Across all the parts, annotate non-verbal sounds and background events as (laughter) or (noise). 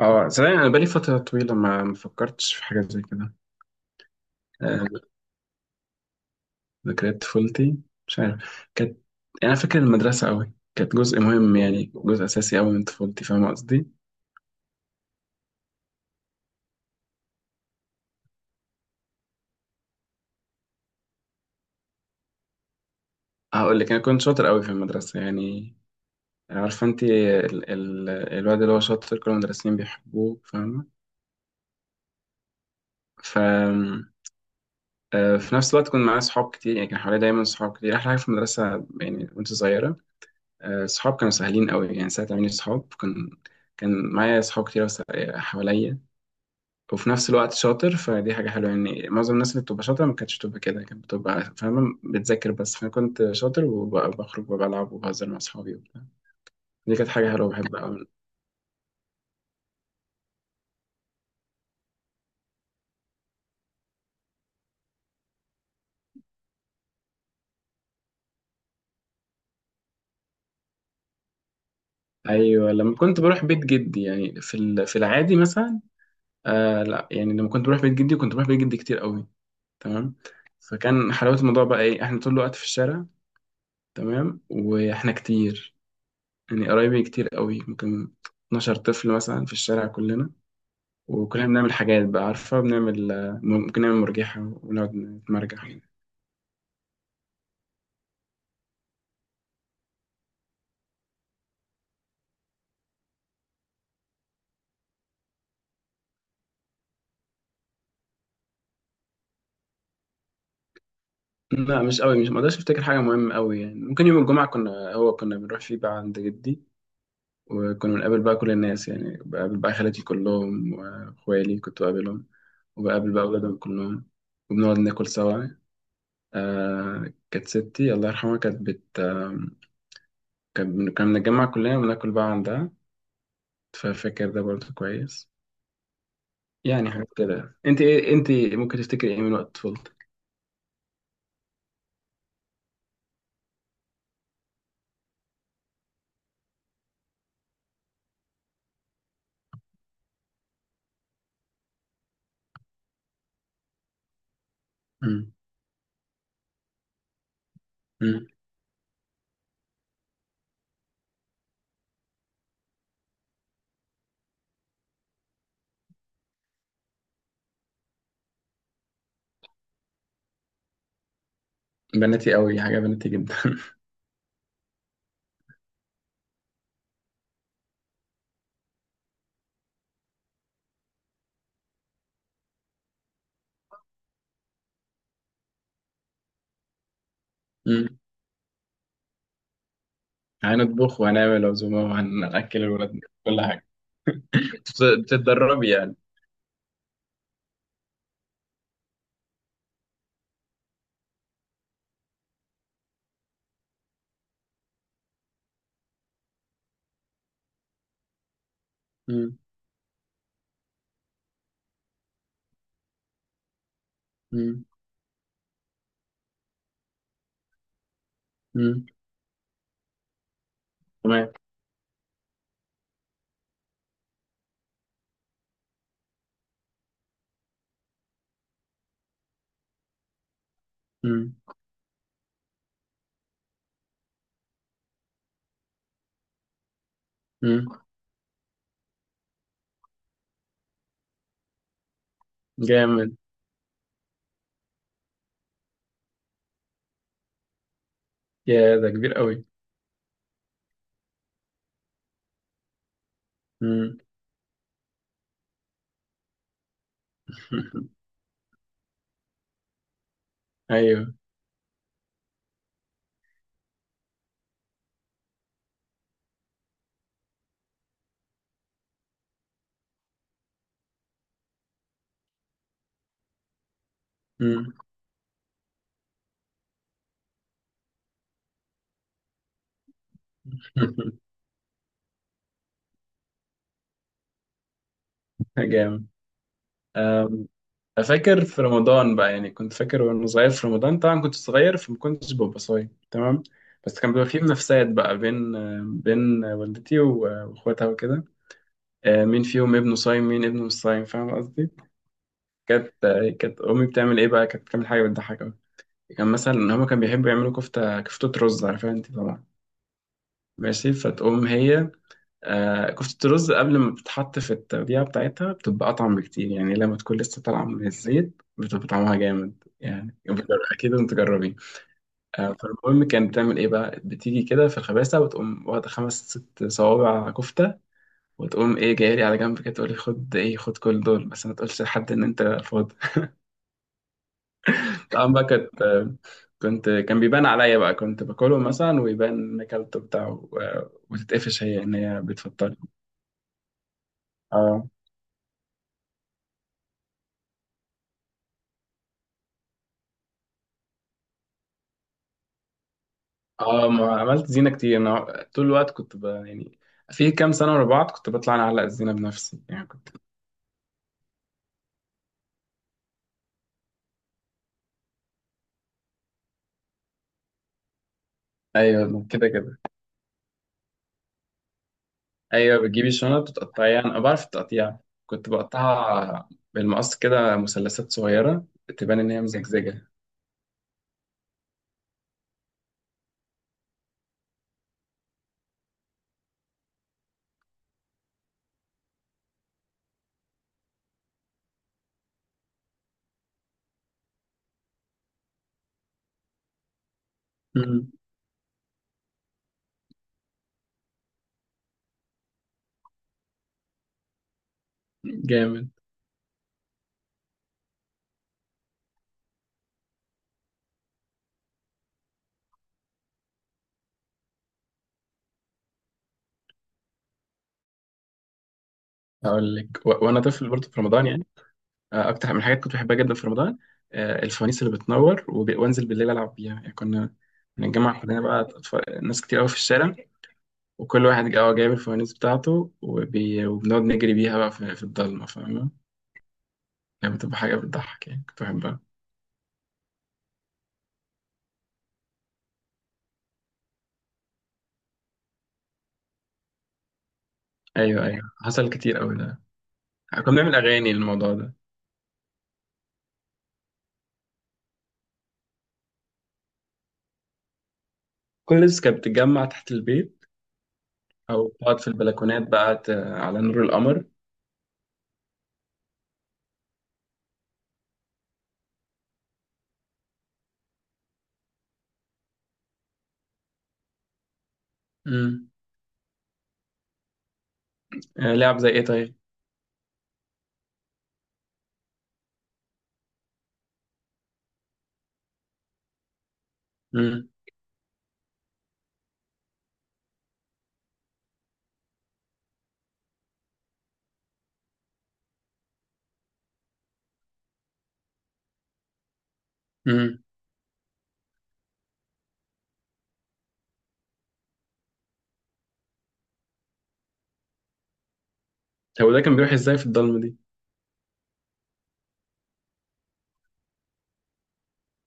اه، صدقني انا بقالي فتره طويله ما فكرتش في حاجه زي كده. آه، ذكريات طفولتي، مش عارف كانت، يعني انا فاكر المدرسه قوي، كانت جزء مهم يعني، جزء اساسي قوي من طفولتي، فاهم قصدي؟ هقول لك، انا كنت شاطر قوي في المدرسه يعني، عارفه انت، الواد اللي هو شاطر كل المدرسين بيحبوه، فاهمه؟ ف آه، في نفس الوقت كنت معايا صحاب كتير، يعني كان حوالي دايما صحاب كتير، احلى حاجه في المدرسه يعني وانت صغيره. صحاب كانوا سهلين قوي يعني، ساعة ما عملي صحاب كان، كان معايا صحاب كتير حواليا. وفي نفس الوقت شاطر، فدي حاجة حلوة. يعني معظم الناس اللي بتبقى شاطرة ما كانتش بتبقى كده، كانت بتبقى فاهمة بتذاكر بس، فأنا كنت شاطر وبخرج وبلعب وبهزر مع صحابي وبتاع. دي كانت حاجة حلوة بحبها أوي. أيوة، لما كنت بروح بيت جدي يعني، في العادي مثلا. آه لا، يعني لما كنت بروح بيت جدي، كنت بروح بيت جدي كتير قوي. تمام. فكان حلاوة الموضوع بقى إيه؟ إحنا طول الوقت في الشارع، تمام، واحنا كتير يعني، قرايبي كتير قوي، ممكن 12 طفل مثلا في الشارع كلنا، وكلنا بنعمل حاجات بقى، عارفة، بنعمل ممكن نعمل مرجحة ونقعد نتمرجح. لا، مش قوي، مش مقدرش افتكر حاجة مهمة قوي يعني. ممكن يوم الجمعة كنا بنروح فيه بقى عند جدي، وكنا بنقابل بقى كل الناس، يعني بقابل بقى خالاتي كلهم، واخوالي كنت بقابلهم، وبقابل بقى أولادهم كلهم، وبنقعد ناكل سوا. كانت ستي الله يرحمها، كانت بت آه كانت بن- كنا بنتجمع كلنا وناكل بقى عندها، ففاكر ده برضه كويس. يعني حاجات كده. انت ممكن تفتكري ايه من وقت طفولتك؟ مم. مم. بناتي قوي، حاجه بناتي جدا. (laughs) مم. يعني هنطبخ وهنعمل عزومه وهنأكل الولاد، كل حاجه. بت- بتتدربي يعني. مم. مم. مم. تمام. مم. مم. جامد. يا، ده كبير قوي. مم. (laughs) ايوه. مم. (laughs) جامد. فاكر في رمضان بقى يعني، كنت فاكر وانا صغير في رمضان، طبعا كنت صغير فما كنتش ببقى صايم، تمام. بس كان بيبقى فيه منافسات بقى بين والدتي واخواتها وكده، مين فيهم ابنه صايم، مين ابنه مش صايم، فاهم قصدي؟ كانت كانت امي بتعمل ايه بقى، كانت بتعمل حاجه بتضحك قوي. كان مثلا ان هما كانوا بيحبوا يعملوا كفته رز، عارفها انت طبعا. ماشي. فتقوم هي، كفتة الرز قبل ما بتتحط في التوديعة بتاعتها بتبقى أطعم بكتير، يعني لما تكون لسه طالعة من الزيت بتبقى طعمها جامد يعني، أكيد لازم تجربيه. فالمهم، كانت بتعمل إيه بقى، بتيجي كده في الخباسة وتقوم واخدة خمس ست صوابع كفتة، وتقوم إيه جاية لي على جنب كده تقولي خد كل دول، بس ما تقولش لحد إن أنت فاضي. (laughs) طبعا بقى، كان بيبان عليا بقى، كنت باكله مثلا ويبان إن أكلته بتاعه، وتتقفش هي إن هي بتفطر. اه، ما عملت زينة كتير، انا طول الوقت يعني في كام سنة ورا بعض كنت بطلع انا اعلق الزينة بنفسي يعني، كنت. ايوه، كده كده. ايوه، بتجيبي الشنط وتقطعيها، انا بعرف التقطيع، كنت بقطعها بالمقص، كده مثلثات صغيرة، تبان ان هي مزجزجة. مم. جامد. هقول لك. وانا طفل برضه في رمضان يعني، اكتر من الحاجات كنت بحبها جدا في رمضان، الفوانيس اللي بتنور، وانزل بالليل العب بيها يعني، كنا بنتجمع كلنا بقى، ناس كتير قوي في الشارع، وكل واحد جايب الفوانيس بتاعته، وبنقعد نجري بيها بقى في الضلمة، فاهمة؟ كانت بتبقى حاجة بتضحك يعني، كنت بحبها. أيوه، أيوه، حصل كتير أوي ده، كنا بنعمل أغاني للموضوع ده. كل الناس كانت بتتجمع تحت البيت، أو تقعد في البلكونات بقى على نور القمر. امم. لعب زي إيه طيب؟ امم. امم. هو ده كان بيروح إزاي في الضلمة دي؟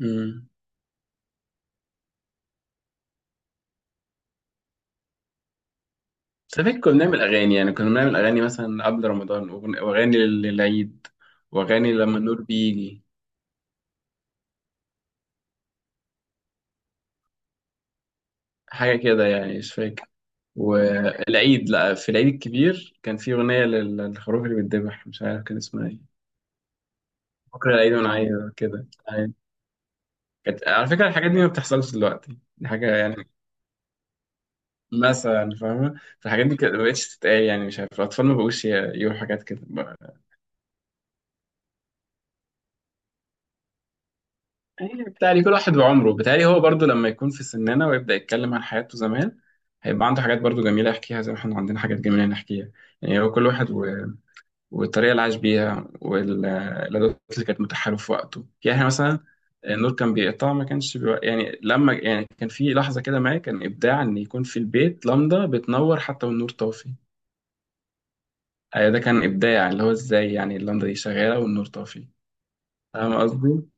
امم. بس فاكر كنا بنعمل أغاني، يعني كنا بنعمل أغاني مثلا قبل رمضان، وأغاني للعيد، وأغاني لما النور بيجي، حاجة كده يعني، مش فاكر. والعيد، لا، في العيد الكبير كان في أغنية للخروف اللي بيتذبح، مش عارف كان اسمها ايه. بكرة العيد وأنا عايز، كده يعني. كانت، على فكرة، الحاجات دي ما بتحصلش دلوقتي، دي حاجة يعني مثلا، فاهمة؟ فالحاجات دي كانت ما بقتش تتقال، يعني مش عارف الأطفال ما بقوش يقولوا حاجات كده يعني بتهيألي كل واحد وعمره، بتهيألي هو برضو لما يكون في سننا ويبدأ يتكلم عن حياته زمان، هيبقى عنده حاجات برضو جميلة يحكيها، زي ما احنا عندنا حاجات جميلة نحكيها. يعني هو كل واحد والطريقه اللي عاش بيها والادوات اللي كانت متاحه له في وقته، يعني احنا مثلا، النور كان بيقطع، ما كانش يعني، لما يعني كان في لحظه كده، ما كان ابداع ان يكون في البيت لمبه بتنور حتى والنور طافي. ده كان ابداع، اللي هو ازاي يعني اللمبه دي شغاله والنور طافي، فاهم قصدي؟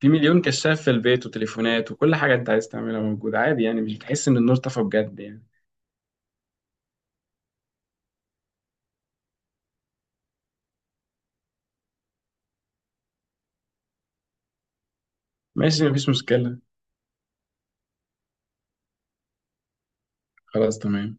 في مليون كشاف في البيت وتليفونات، وكل حاجه انت عايز تعملها موجوده عادي، يعني مش بتحس ان النور طفى بجد يعني. ماشي، مفيش مشكله. خلاص، تمام.